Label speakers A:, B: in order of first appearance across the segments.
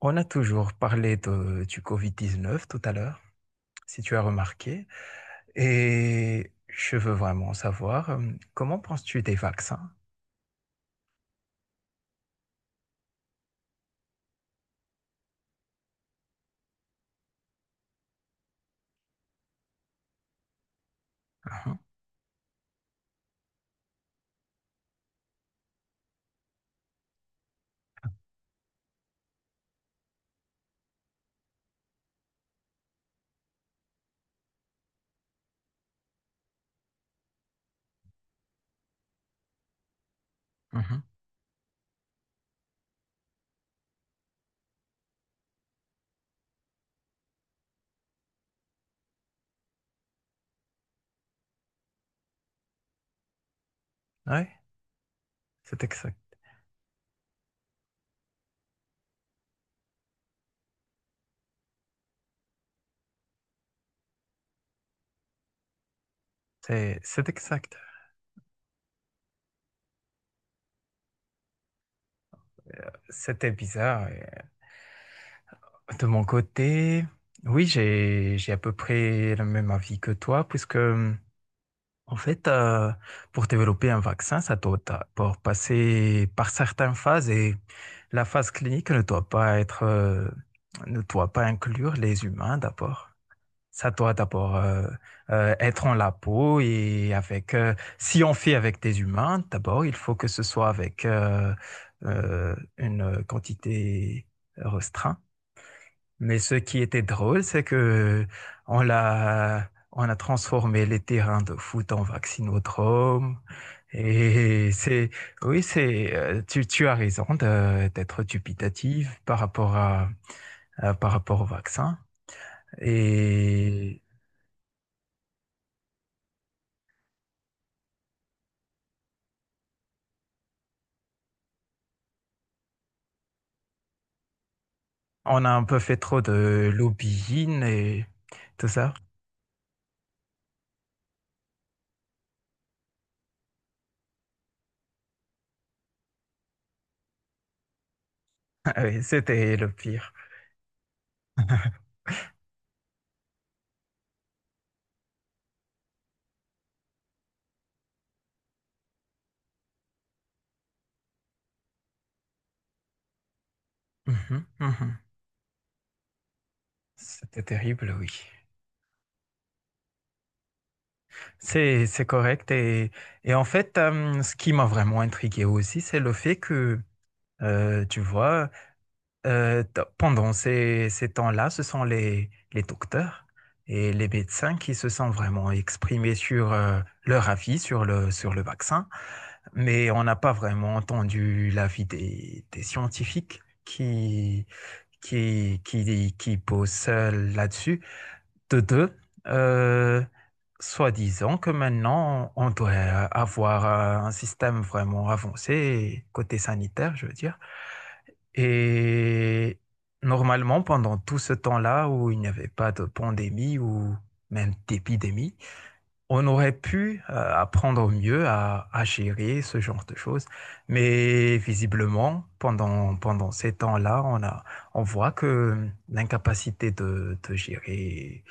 A: On a toujours parlé du Covid-19 tout à l'heure, si tu as remarqué, et je veux vraiment savoir, comment penses-tu des vaccins? Oui, c'est exact. C'est exact. C'était bizarre, et, de mon côté, oui, j'ai à peu près le même avis que toi, puisque, en fait, pour développer un vaccin, ça doit pour passer par certaines phases, et la phase clinique ne doit pas être, ne doit pas inclure les humains d'abord. Ça doit d'abord, être en la peau, et avec, si on fait avec des humains d'abord, il faut que ce soit avec, une quantité restreinte. Mais ce qui était drôle, c'est que on a transformé les terrains de foot en vaccinodrome. Et c'est, oui, c'est, tu as raison d'être dubitative par rapport par rapport au vaccin. Et on a un peu fait trop de lobbying et tout ça. Oui, c'était le pire. Mhm, mhm. C'était terrible, oui. C'est correct. Et en fait, ce qui m'a vraiment intrigué aussi, c'est le fait que, tu vois, pendant ces temps-là, ce sont les docteurs et les médecins qui se sont vraiment exprimés sur, leur avis sur sur le vaccin. Mais on n'a pas vraiment entendu l'avis des scientifiques qui, posent, là-dessus de deux, euh, soi-disant que maintenant, on doit avoir un système vraiment avancé, côté sanitaire, je veux dire. Et normalement, pendant tout ce temps-là où il n'y avait pas de pandémie ou même d'épidémie, on aurait pu, apprendre mieux à, gérer ce genre de choses, mais visiblement, pendant ces temps-là, on voit que l'incapacité de gérer,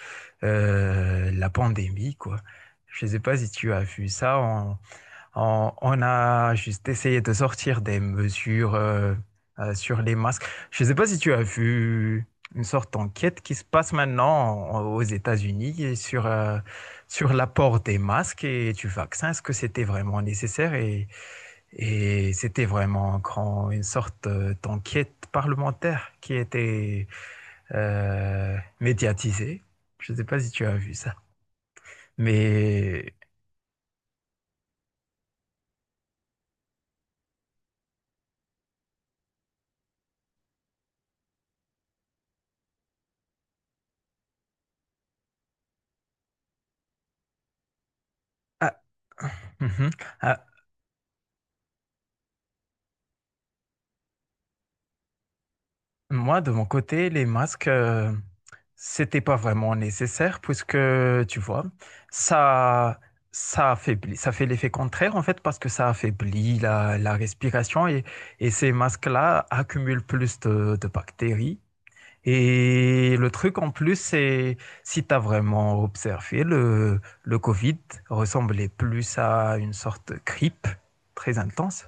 A: la pandémie, quoi. Je ne sais pas si tu as vu ça, on a juste essayé de sortir des mesures, sur les masques. Je ne sais pas si tu as vu une sorte d'enquête qui se passe maintenant aux États-Unis et sur l'apport des masques et du vaccin. Est-ce que c'était vraiment nécessaire? Et c'était vraiment grand, une sorte, d'enquête parlementaire qui était, médiatisée. Je ne sais pas si tu as vu ça. Mais. Ah, mhm. Ah, moi, de mon côté, les masques, c'était pas vraiment nécessaire, puisque, tu vois, ça, ça affaiblit, ça fait l'effet contraire en fait, parce que ça affaiblit la respiration, et ces masques-là accumulent plus de bactéries. Et le truc en plus, c'est, si tu as vraiment observé, le Covid ressemblait plus à une sorte de grippe très intense.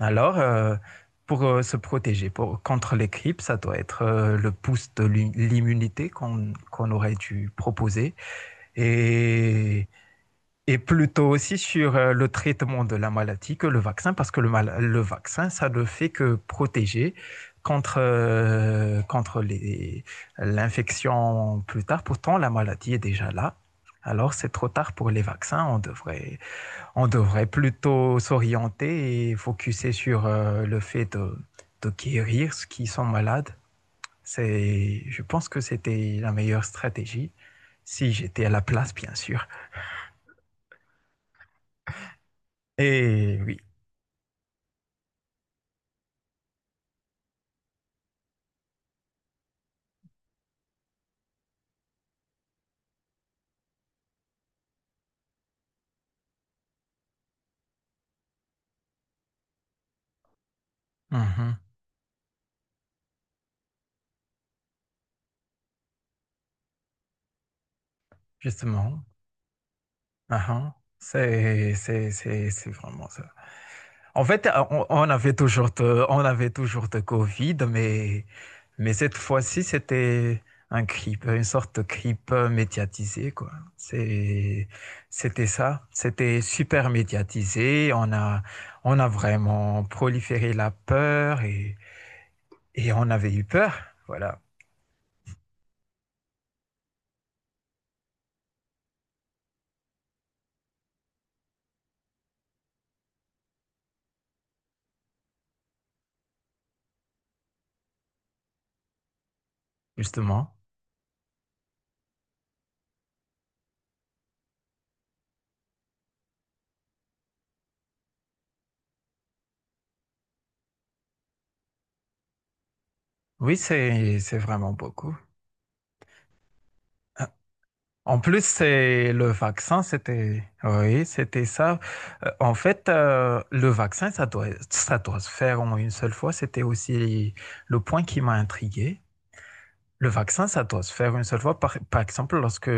A: Alors, pour, se protéger contre les grippes, ça doit être, le pouce de l'immunité qu'on aurait dû proposer, et, et plutôt aussi sur, le traitement de la maladie que le vaccin, parce que le vaccin, ça ne fait que protéger contre l'infection plus tard. Pourtant, la maladie est déjà là. Alors, c'est trop tard pour les vaccins. On devrait plutôt s'orienter et focuser sur, le fait de guérir ceux qui sont malades. Je pense que c'était la meilleure stratégie, si j'étais à la place, bien sûr. Et oui, mhm, justement, aha, c'est vraiment ça. En fait, on avait toujours de Covid, mais cette fois-ci, c'était un grippe, une sorte de grippe médiatisée, quoi. C'est, c'était ça. C'était super médiatisé. On a vraiment proliféré la peur, et on avait eu peur. Voilà, justement. Oui, c'est vraiment beaucoup. En plus, c'est le vaccin, c'était oui, c'était ça. En fait, le vaccin, ça doit se faire en une seule fois. C'était aussi le point qui m'a intrigué. Le vaccin, ça doit se faire une seule fois. Par exemple, lorsque,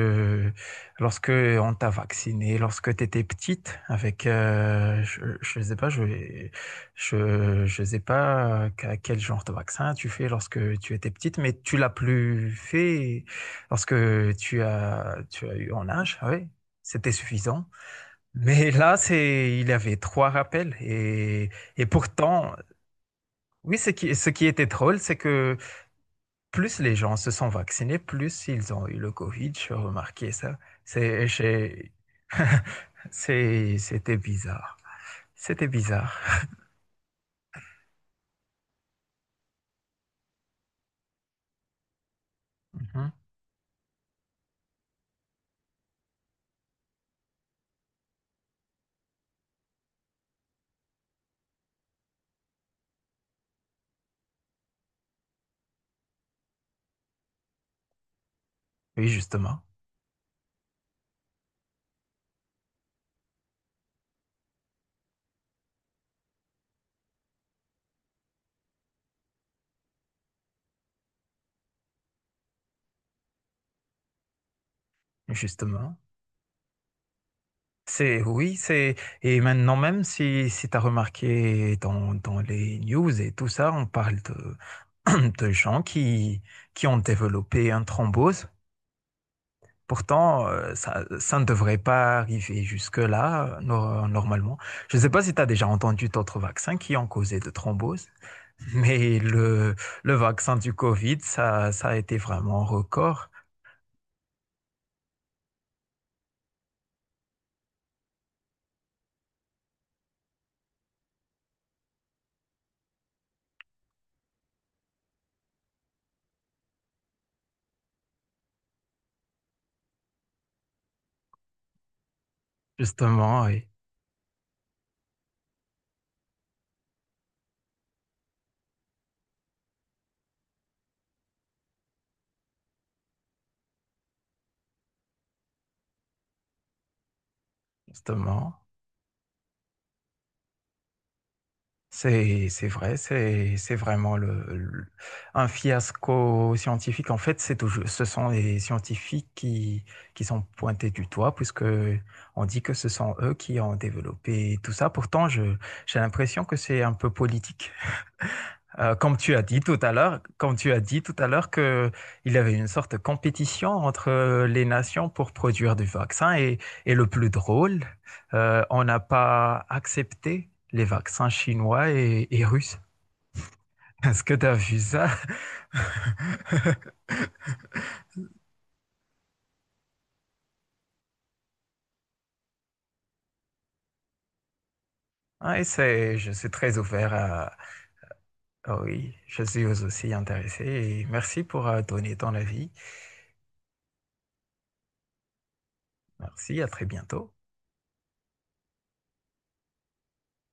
A: lorsque on t'a vacciné, lorsque tu étais petite, avec, je ne sais pas, je sais pas qu'à quel genre de vaccin tu fais lorsque tu étais petite, mais tu l'as plus fait lorsque tu as eu en âge, oui, c'était suffisant. Mais là, il y avait trois rappels, et pourtant, oui, ce qui était drôle, c'est que plus les gens se sont vaccinés, plus ils ont eu le Covid. J'ai remarqué ça. C'est, j'ai- C'était bizarre. C'était bizarre. Mhm. Oui, justement. Justement. Oui, et maintenant, même si tu as remarqué dans les news et tout ça, on parle de gens qui ont développé un thrombose. Pourtant, ça ne devrait pas arriver jusque-là, normalement. Je ne sais pas si tu as déjà entendu d'autres vaccins qui ont causé de thromboses, mais le vaccin du Covid, ça a été vraiment un record, justement, oui, justement. C'est vrai, c'est vraiment un fiasco scientifique. En fait, ce sont les scientifiques qui sont pointés du doigt, puisque on dit que ce sont eux qui ont développé tout ça. Pourtant, j'ai l'impression que c'est un peu politique. Comme tu as dit tout à l'heure que il y avait une sorte de compétition entre, les nations pour produire du vaccin, et le plus drôle, on n'a pas accepté les vaccins chinois, et russes. Est-ce que tu as vu ça? Ouais, je suis très ouvert ah oui, je suis aussi intéressé, et merci pour donner ton avis. Merci, à très bientôt.